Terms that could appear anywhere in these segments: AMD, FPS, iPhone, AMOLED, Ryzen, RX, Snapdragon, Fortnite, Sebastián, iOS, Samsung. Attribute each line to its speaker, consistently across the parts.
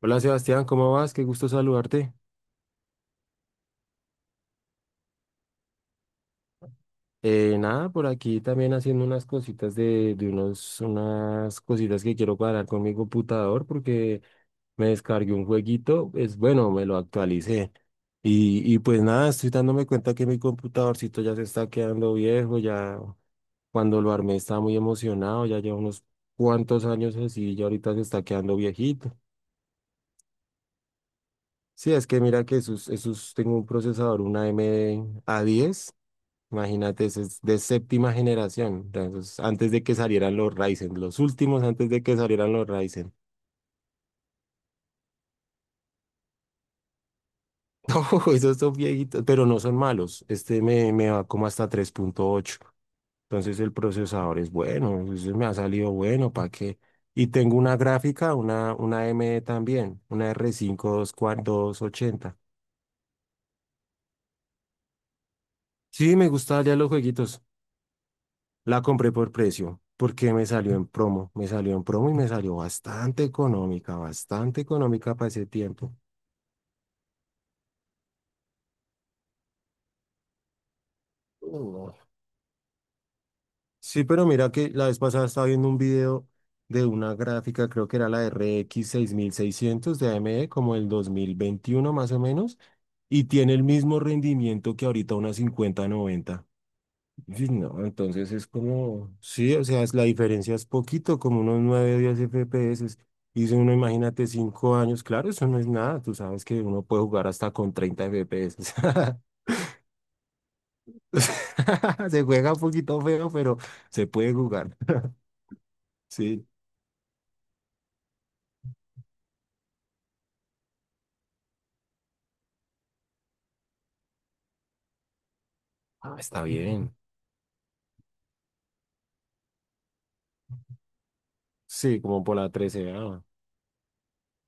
Speaker 1: Hola Sebastián, ¿cómo vas? Qué gusto saludarte. Nada, por aquí también haciendo unas cositas de unas cositas que quiero cuadrar con mi computador porque me descargué un jueguito, es bueno, me lo actualicé. Y pues nada, estoy dándome cuenta que mi computadorcito ya se está quedando viejo, ya cuando lo armé estaba muy emocionado, ya lleva unos cuantos años así y ahorita se está quedando viejito. Sí, es que mira que tengo un procesador, una AMD a diez. Imagínate, eso es de séptima generación. Entonces, antes de que salieran los Ryzen, los últimos antes de que salieran los Ryzen. No, esos son viejitos, pero no son malos. Este me va como hasta 3.8. Entonces, el procesador es bueno, ese me ha salido bueno, ¿para qué? Y tengo una gráfica, una AMD también, una r cinco dos ochenta. Sí, me gusta ya los jueguitos. La compré por precio, porque me salió en promo, me salió en promo y me salió bastante económica para ese tiempo. No. Sí, pero mira que la vez pasada estaba viendo un video de una gráfica, creo que era la R X 6600 de AMD, como el 2021 más o menos, y tiene el mismo rendimiento que ahorita una 5090. Sí, no, entonces es como, sí, o sea, la diferencia es poquito, como unos 9 o 10 FPS. Y si uno, imagínate, 5 años, claro, eso no es nada. Tú sabes que uno puede jugar hasta con 30 FPS. Se juega un poquito feo, pero se puede jugar. Sí. Ah, está bien. Sí, como por la 13.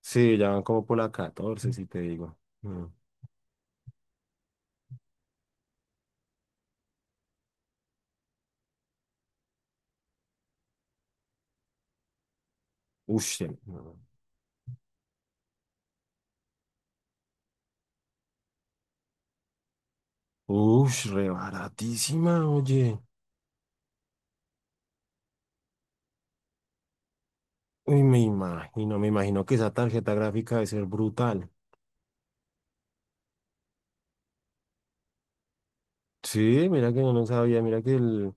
Speaker 1: Sí, ya van como por la 14 si te digo. Mm. Ush, no. Ush, re baratísima, oye. Uy, me imagino que esa tarjeta gráfica debe ser brutal. Sí, mira que yo no lo sabía, mira que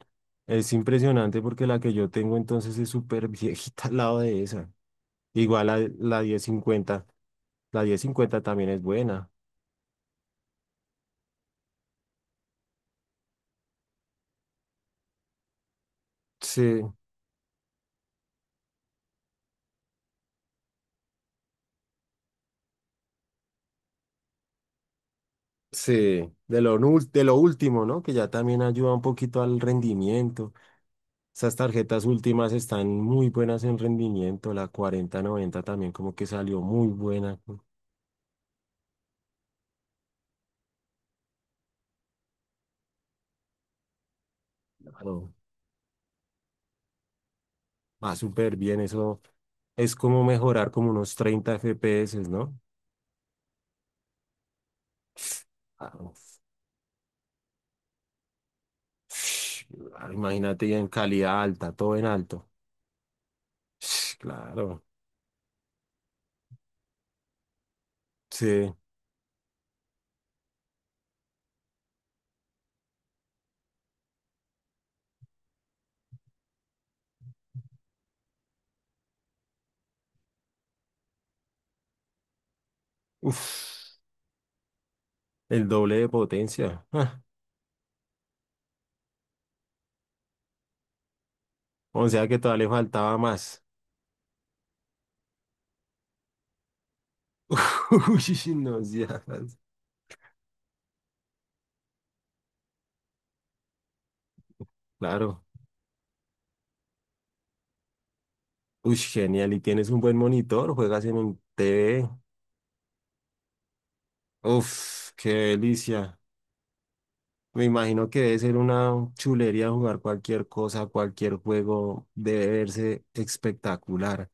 Speaker 1: es impresionante porque la que yo tengo entonces es súper viejita al lado de esa. Igual la 1050 también es buena. Sí, sí, de lo último, ¿no? Que ya también ayuda un poquito al rendimiento. Esas tarjetas últimas están muy buenas en rendimiento. La 4090 también como que salió muy buena. Claro, va súper bien eso. Es como mejorar como unos 30 FPS, ¿no? Claro. Claro, imagínate ya en calidad alta, todo en alto. Claro, sí. Uf, el doble de potencia. Ah, o sea que todavía le faltaba más. Uy, no seas. Claro. Uy, genial. Y tienes un buen monitor, juegas en un TV. Uf, qué delicia. Me imagino que debe ser una chulería jugar cualquier cosa, cualquier juego. Debe verse espectacular.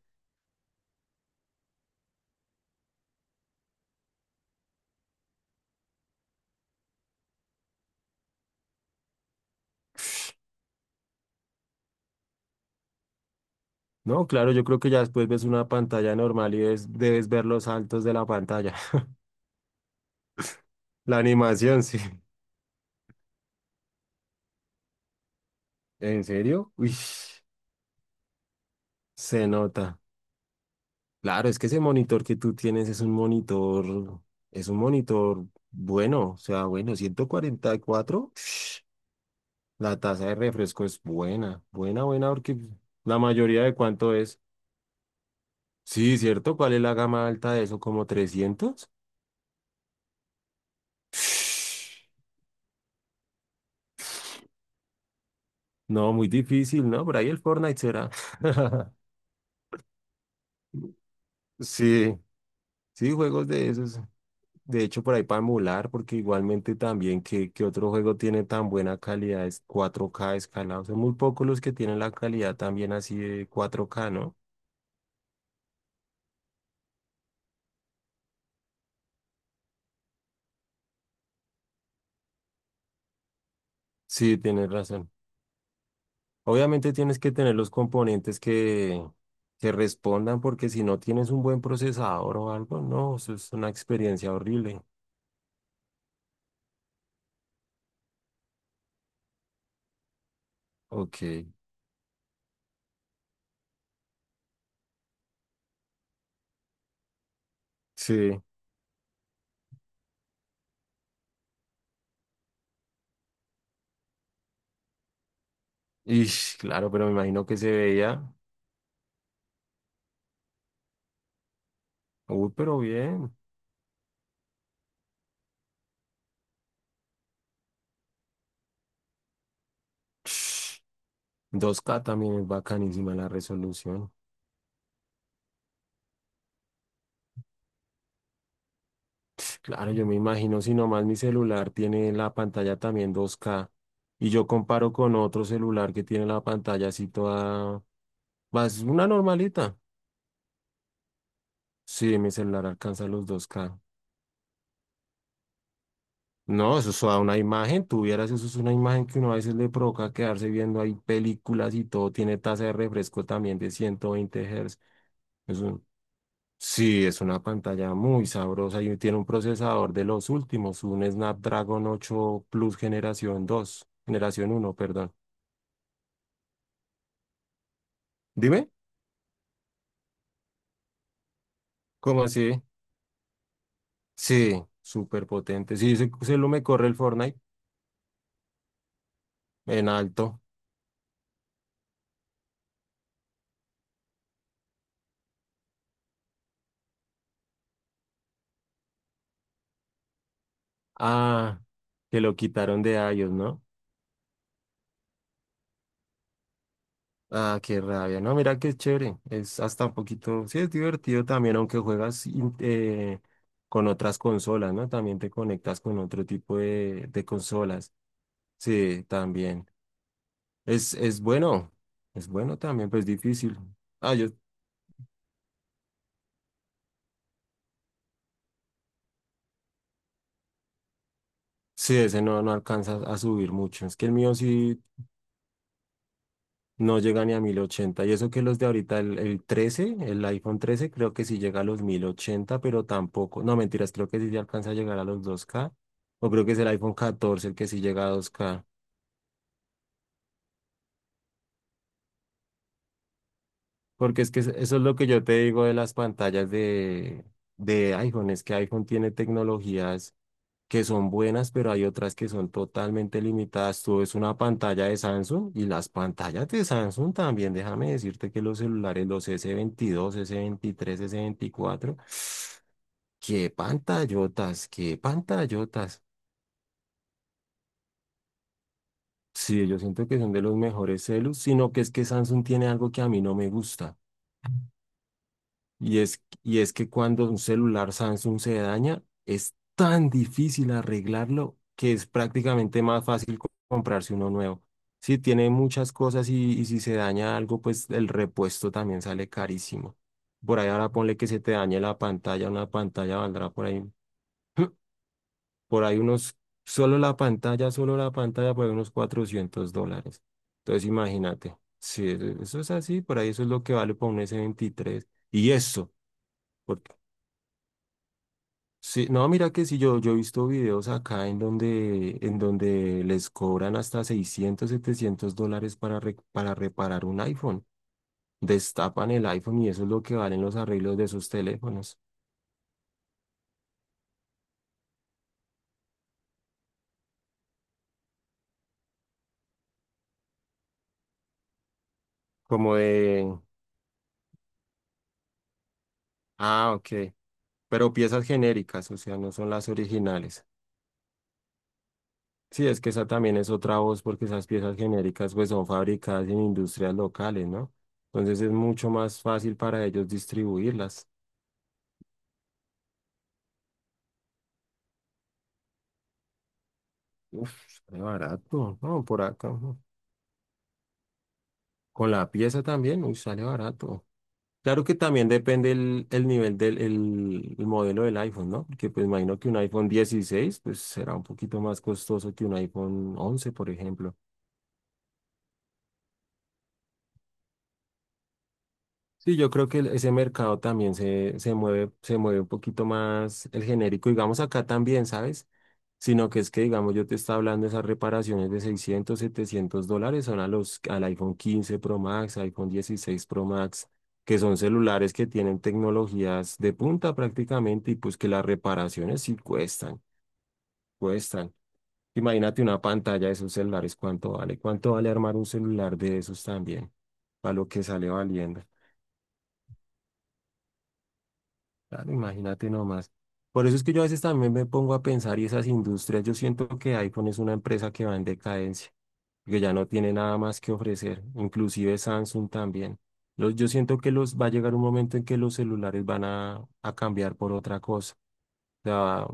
Speaker 1: No, claro, yo creo que ya después ves una pantalla normal y debes ver los saltos de la pantalla. La animación, sí. ¿En serio? Uy, se nota. Claro, es que ese monitor que tú tienes es un monitor bueno, o sea, bueno, 144. Ush, la tasa de refresco es buena, buena, buena, porque la mayoría de cuánto es. Sí, ¿cierto? ¿Cuál es la gama alta de eso? ¿Como 300? Ush, no, muy difícil, ¿no? Por ahí el Fortnite será. Sí, sí, juegos de esos. De hecho, por ahí para emular, porque igualmente también que otro juego tiene tan buena calidad, es cuatro k escalado. Son muy pocos los que tienen la calidad también así de 4K, ¿no? Sí, tienes razón. Obviamente tienes que tener los componentes que respondan, porque si no tienes un buen procesador o algo, no, eso es una experiencia horrible. Ok, sí. Y claro, pero me imagino que se veía. Uy, pero bien. 2K también es bacanísima la resolución. Claro, yo me imagino si nomás mi celular tiene la pantalla también 2K y yo comparo con otro celular que tiene la pantalla así toda... Más una normalita. Sí, mi celular alcanza los 2K. No, eso es toda una imagen. Tuvieras, eso es una imagen que uno a veces le provoca quedarse viendo ahí películas y todo. Tiene tasa de refresco también de 120 Hz. Sí, es una pantalla muy sabrosa y tiene un procesador de los últimos, un Snapdragon 8 Plus generación 2, generación uno, perdón. Dime, ¿cómo así? Sí, súper potente. Sí, se lo me corre el Fortnite en alto. Ah, que lo quitaron de iOS, ¿no? Ah, qué rabia. No, mira qué chévere. Es hasta un poquito, sí, es divertido también, aunque juegas con otras consolas, ¿no? También te conectas con otro tipo de consolas. Sí, también. Es, es bueno, es bueno también, pero es difícil. Ah, yo sí, ese no, no alcanza a subir mucho. Es que el mío sí no llega ni a 1080. Y eso que los de ahorita, el iPhone 13 creo que sí llega a los 1080 pero tampoco. No, mentiras, creo que sí ya alcanza a llegar a los 2K. O creo que es el iPhone 14 el que sí llega a 2K. Porque es que eso es lo que yo te digo de las pantallas de iPhone, es que iPhone tiene tecnologías que son buenas, pero hay otras que son totalmente limitadas. Tú ves una pantalla de Samsung y las pantallas de Samsung también, déjame decirte que los celulares, los s 22, s 23, s 24, qué pantallotas, qué pantallotas. Sí, yo siento que son de los mejores celus, sino que es que Samsung tiene algo que a mí no me gusta. Y es que cuando un celular Samsung se daña, es tan difícil arreglarlo que es prácticamente más fácil comprarse uno nuevo. Sí, tiene muchas cosas y si se daña algo, pues el repuesto también sale carísimo. Por ahí ahora ponle que se te dañe la pantalla, una pantalla valdrá por ahí, por ahí unos, solo la pantalla, por ahí unos $400. Entonces imagínate, si eso es así, por ahí eso es lo que vale por un s 23. Y eso. Sí, no, mira que sí, yo he visto videos acá en donde les cobran hasta 600 700 dólares para, para reparar un iPhone. Destapan el iPhone y eso es lo que valen los arreglos de esos teléfonos. Como de... Ah, ok. Pero piezas genéricas, o sea, no son las originales. Sí, es que esa también es otra voz porque esas piezas genéricas pues son fabricadas en industrias locales, ¿no? Entonces es mucho más fácil para ellos distribuirlas. Uf, sale barato, ¿no? Por acá. Con la pieza también, uy, sale barato. Claro que también depende el modelo del iPhone, ¿no? Porque pues imagino que un iPhone 16 pues será un poquito más costoso que un iPhone 11, por ejemplo. Sí, yo creo que ese mercado también se mueve un poquito más el genérico, digamos acá también, ¿sabes? Sino que es que, digamos, yo te estaba hablando de esas reparaciones de 600 700 dólares, son a los, al iPhone 15 Pro Max, iPhone 16 Pro Max, que son celulares que tienen tecnologías de punta prácticamente y pues que las reparaciones sí cuestan, cuestan. Imagínate una pantalla de esos celulares, ¿cuánto vale? ¿Cuánto vale armar un celular de esos también? Para lo que sale valiendo. Claro, imagínate nomás. Por eso es que yo a veces también me pongo a pensar y esas industrias, yo siento que iPhone es una empresa que va en decadencia, que ya no tiene nada más que ofrecer, inclusive Samsung también. Yo siento que los va a llegar un momento en que los celulares van a cambiar por otra cosa. O sea,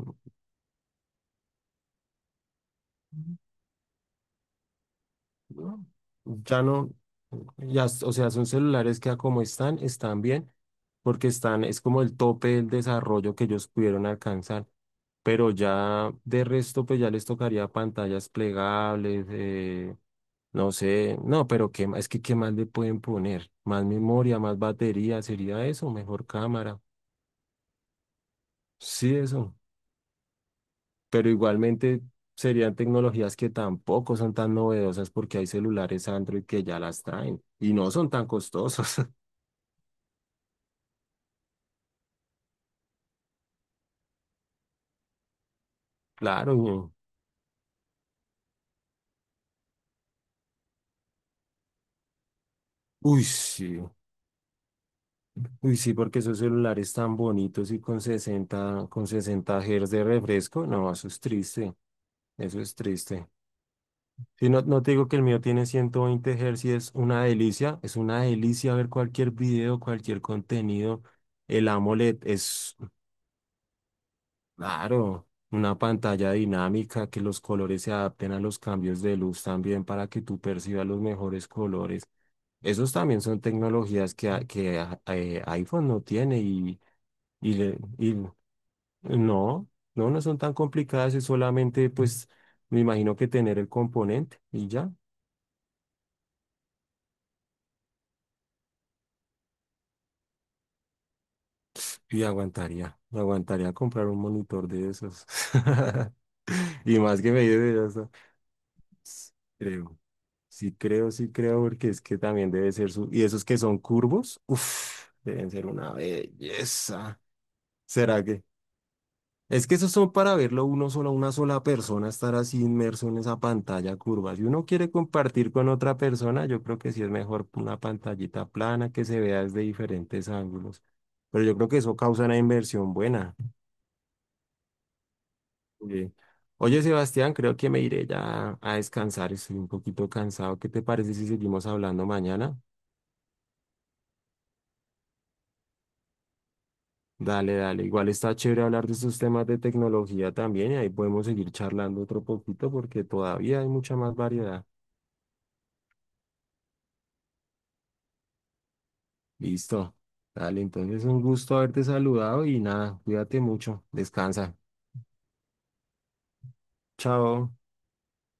Speaker 1: no, ya no, ya, o sea, son celulares que a como están, están bien, porque están, es como el tope del desarrollo que ellos pudieron alcanzar. Pero ya de resto, pues ya les tocaría pantallas plegables, no sé, no, pero qué, es que qué más le pueden poner, más memoria, más batería, sería eso, mejor cámara, sí, eso, pero igualmente serían tecnologías que tampoco son tan novedosas porque hay celulares Android que ya las traen y no son tan costosos. Claro, weón. Uy, sí. Uy, sí, porque esos celulares tan bonitos y con 60 Hz de refresco, no, eso es triste. Eso es triste. Si no, no te digo que el mío tiene 120 Hz y es una delicia ver cualquier video, cualquier contenido. El AMOLED es, claro, una pantalla dinámica, que los colores se adapten a los cambios de luz también para que tú percibas los mejores colores. Esos también son tecnologías que iPhone no tiene y no, no, no son tan complicadas, es solamente pues me imagino que tener el componente y ya. Y aguantaría, aguantaría comprar un monitor de esos. Y más que me dice eso, S- creo. Sí creo, sí creo, porque es que también debe ser su... Y esos que son curvos, uff, deben ser una belleza. ¿Será que? Es que esos son para verlo uno solo, una sola persona estar así inmerso en esa pantalla curva. Si uno quiere compartir con otra persona, yo creo que sí es mejor una pantallita plana que se vea desde diferentes ángulos. Pero yo creo que eso causa una inversión buena. Sí. Oye, Sebastián, creo que me iré ya a descansar. Estoy un poquito cansado. ¿Qué te parece si seguimos hablando mañana? Dale, dale. Igual está chévere hablar de estos temas de tecnología también y ahí podemos seguir charlando otro poquito porque todavía hay mucha más variedad. Listo. Dale, entonces un gusto haberte saludado y nada, cuídate mucho. Descansa. Chao.